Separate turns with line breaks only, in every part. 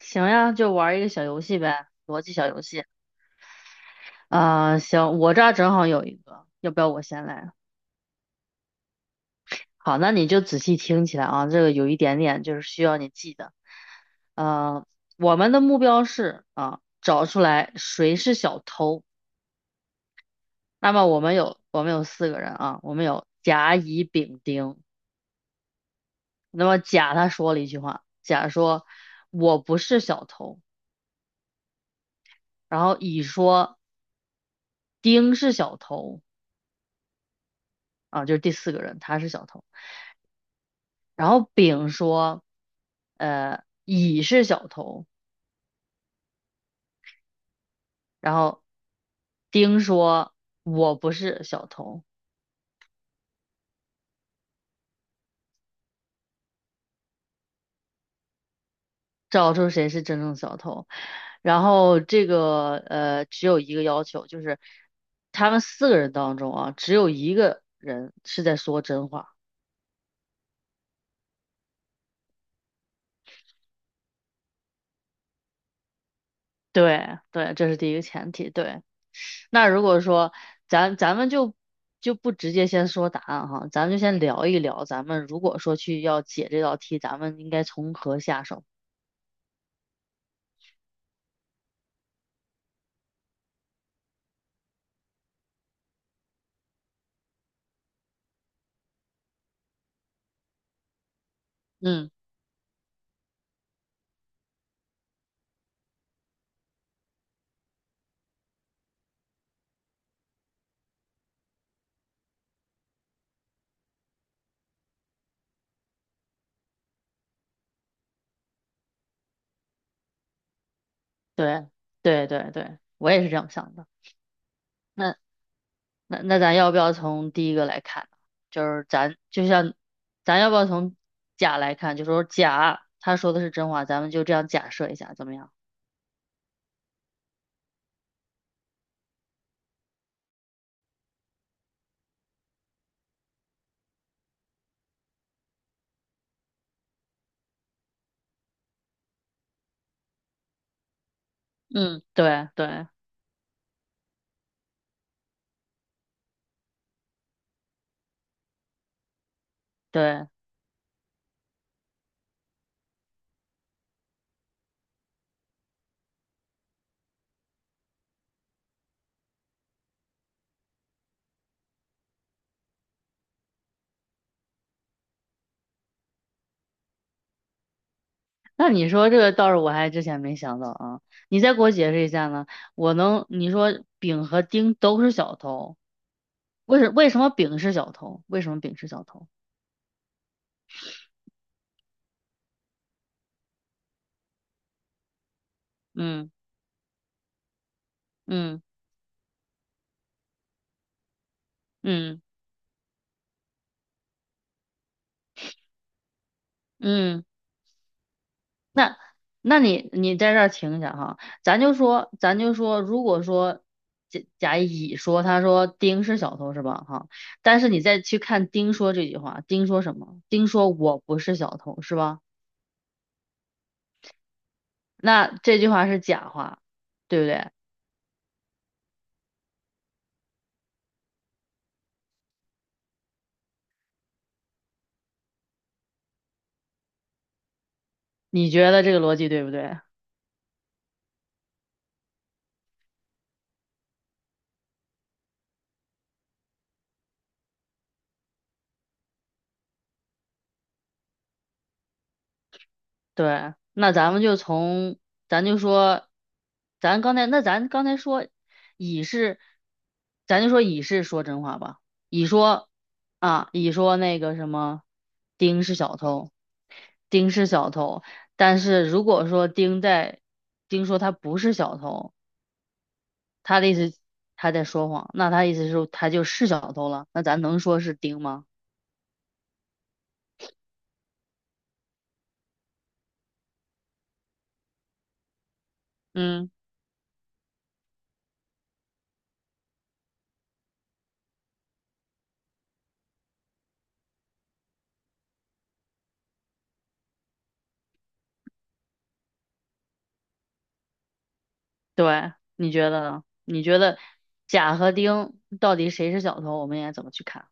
行呀，就玩一个小游戏呗，逻辑小游戏。行，我这儿正好有一个，要不要我先来？好，那你就仔细听起来啊，这个有一点点就是需要你记的。呃，我们的目标是啊，找出来谁是小偷。那么我们有四个人啊，我们有甲、乙、丙、丁。那么甲他说了一句话，甲说我不是小偷，然后乙说丁是小偷啊，就是第四个人，他是小偷。然后丙说，乙是小偷，然后丁说我不是小偷，找出谁是真正的小偷。然后这个只有一个要求，就是他们四个人当中啊，只有一个人是在说真话。对对，这是第一个前提。对。那如果说咱们就不直接先说答案哈，咱们就先聊一聊，咱们如果说去要解这道题，咱们应该从何下手？嗯，对对对对，我也是这样想的。那那那咱要不要从第一个来看呢，就是咱就像咱要不要从甲来看？就说甲他说的是真话，咱们就这样假设一下，怎么样？嗯，对对对。那你说这个倒是我还之前没想到啊，你再给我解释一下呢？我能，你说丙和丁都是小偷，为什么丙是小偷？为什么丙是小偷？嗯，嗯，嗯，嗯，那你你在这儿停一下哈，咱就说，如果说乙说他说丁是小偷是吧？哈，但是你再去看丁说这句话，丁说什么？丁说我不是小偷是吧？那这句话是假话，对不对？你觉得这个逻辑对不对？对，那咱们就从，咱就说，咱刚才说乙是，咱就说乙是说真话吧。乙说乙说那个什么，丁是小偷，丁是小偷。但是如果说丁说他不是小偷，他的意思他在说谎，那他意思是他就是小偷了。那咱能说是丁吗？嗯。对，你觉得呢？你觉得甲和丁到底谁是小偷？我们应该怎么去看？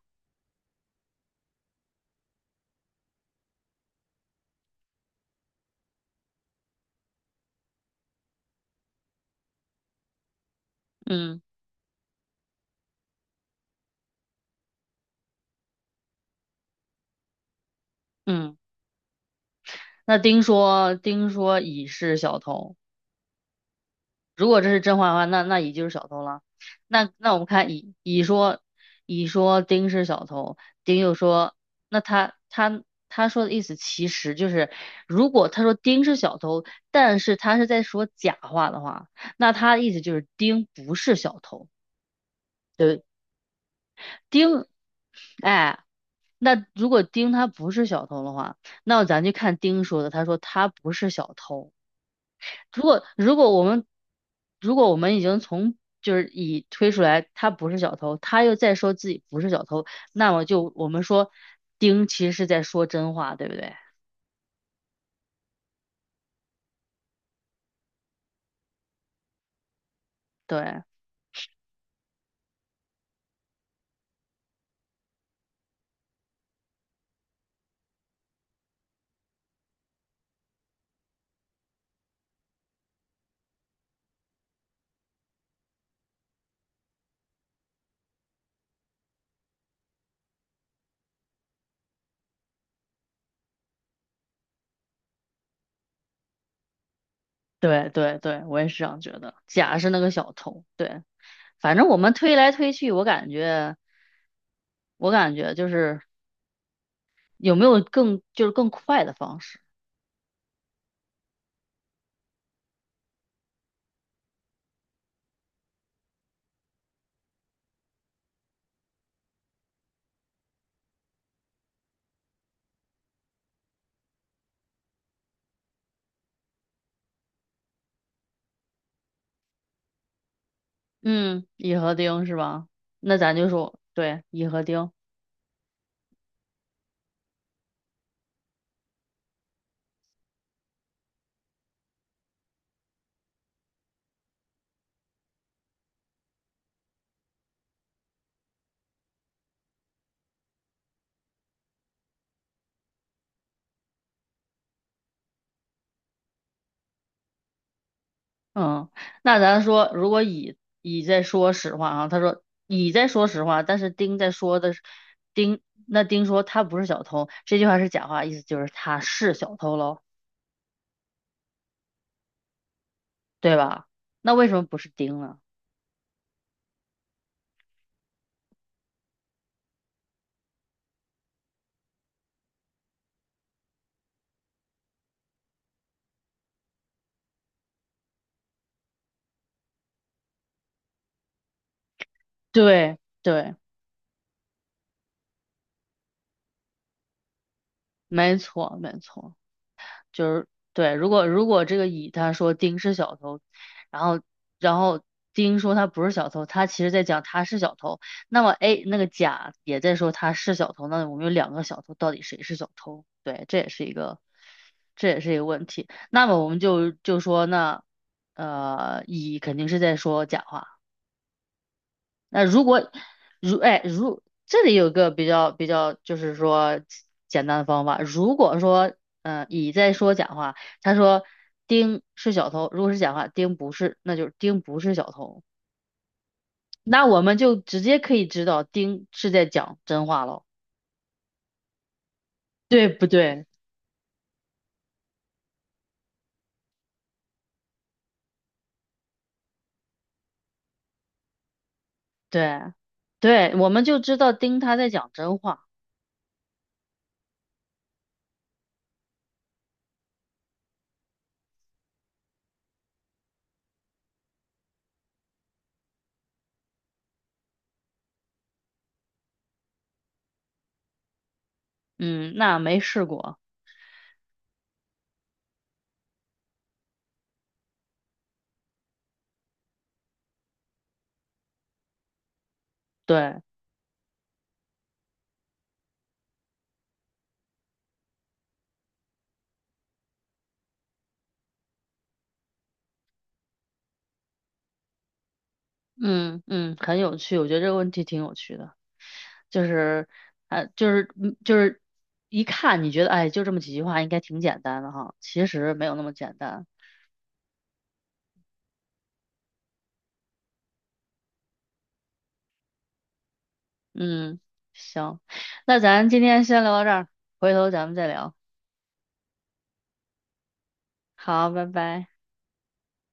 嗯，嗯，那丁说，丁说乙是小偷。如果这是真话的话，那那乙就是小偷了。那那我们看乙，乙说，乙说丁是小偷，丁又说，那他他说的意思其实就是，如果他说丁是小偷，但是他是在说假话的话，那他的意思就是丁不是小偷。对。丁，哎，那如果丁他不是小偷的话，那咱就看丁说的，他说他不是小偷。如果如果我们如果我们已经从已推出来他不是小偷，他又再说自己不是小偷，那么就我们说丁其实是在说真话，对不对？对对对对，我也是这样觉得。甲是那个小偷，对，反正我们推来推去，我感觉有没有更更快的方式。嗯，乙和丁是吧？那咱就说对，乙和丁。嗯，那咱说，如果乙在说实话啊，他说乙在说实话，但是丁在说的是丁，那丁说他不是小偷，这句话是假话，意思就是他是小偷喽，对吧？那为什么不是丁呢？对对，没错没错。就是对，如果这个乙他说丁是小偷，然后然后丁说他不是小偷，他其实在讲他是小偷，那么 A 那个甲也在说他是小偷，那我们有两个小偷，到底谁是小偷？对，这也是一个问题。那么我们就说那乙肯定是在说假话。那如果如哎如这里有个比较简单的方法，如果说嗯，乙在说假话，他说丁是小偷，如果是假话，丁不是，那就是丁不是小偷，那我们就直接可以知道丁是在讲真话喽。对不对？对，对，我们就知道丁他在讲真话。嗯，那没试过。对，嗯嗯，很有趣，我觉得这个问题挺有趣的。就是呃，就是嗯就是一看你觉得哎，就这么几句话应该挺简单的哈，其实没有那么简单。嗯，行，那咱今天先聊到这儿，回头咱们再聊。好，拜拜。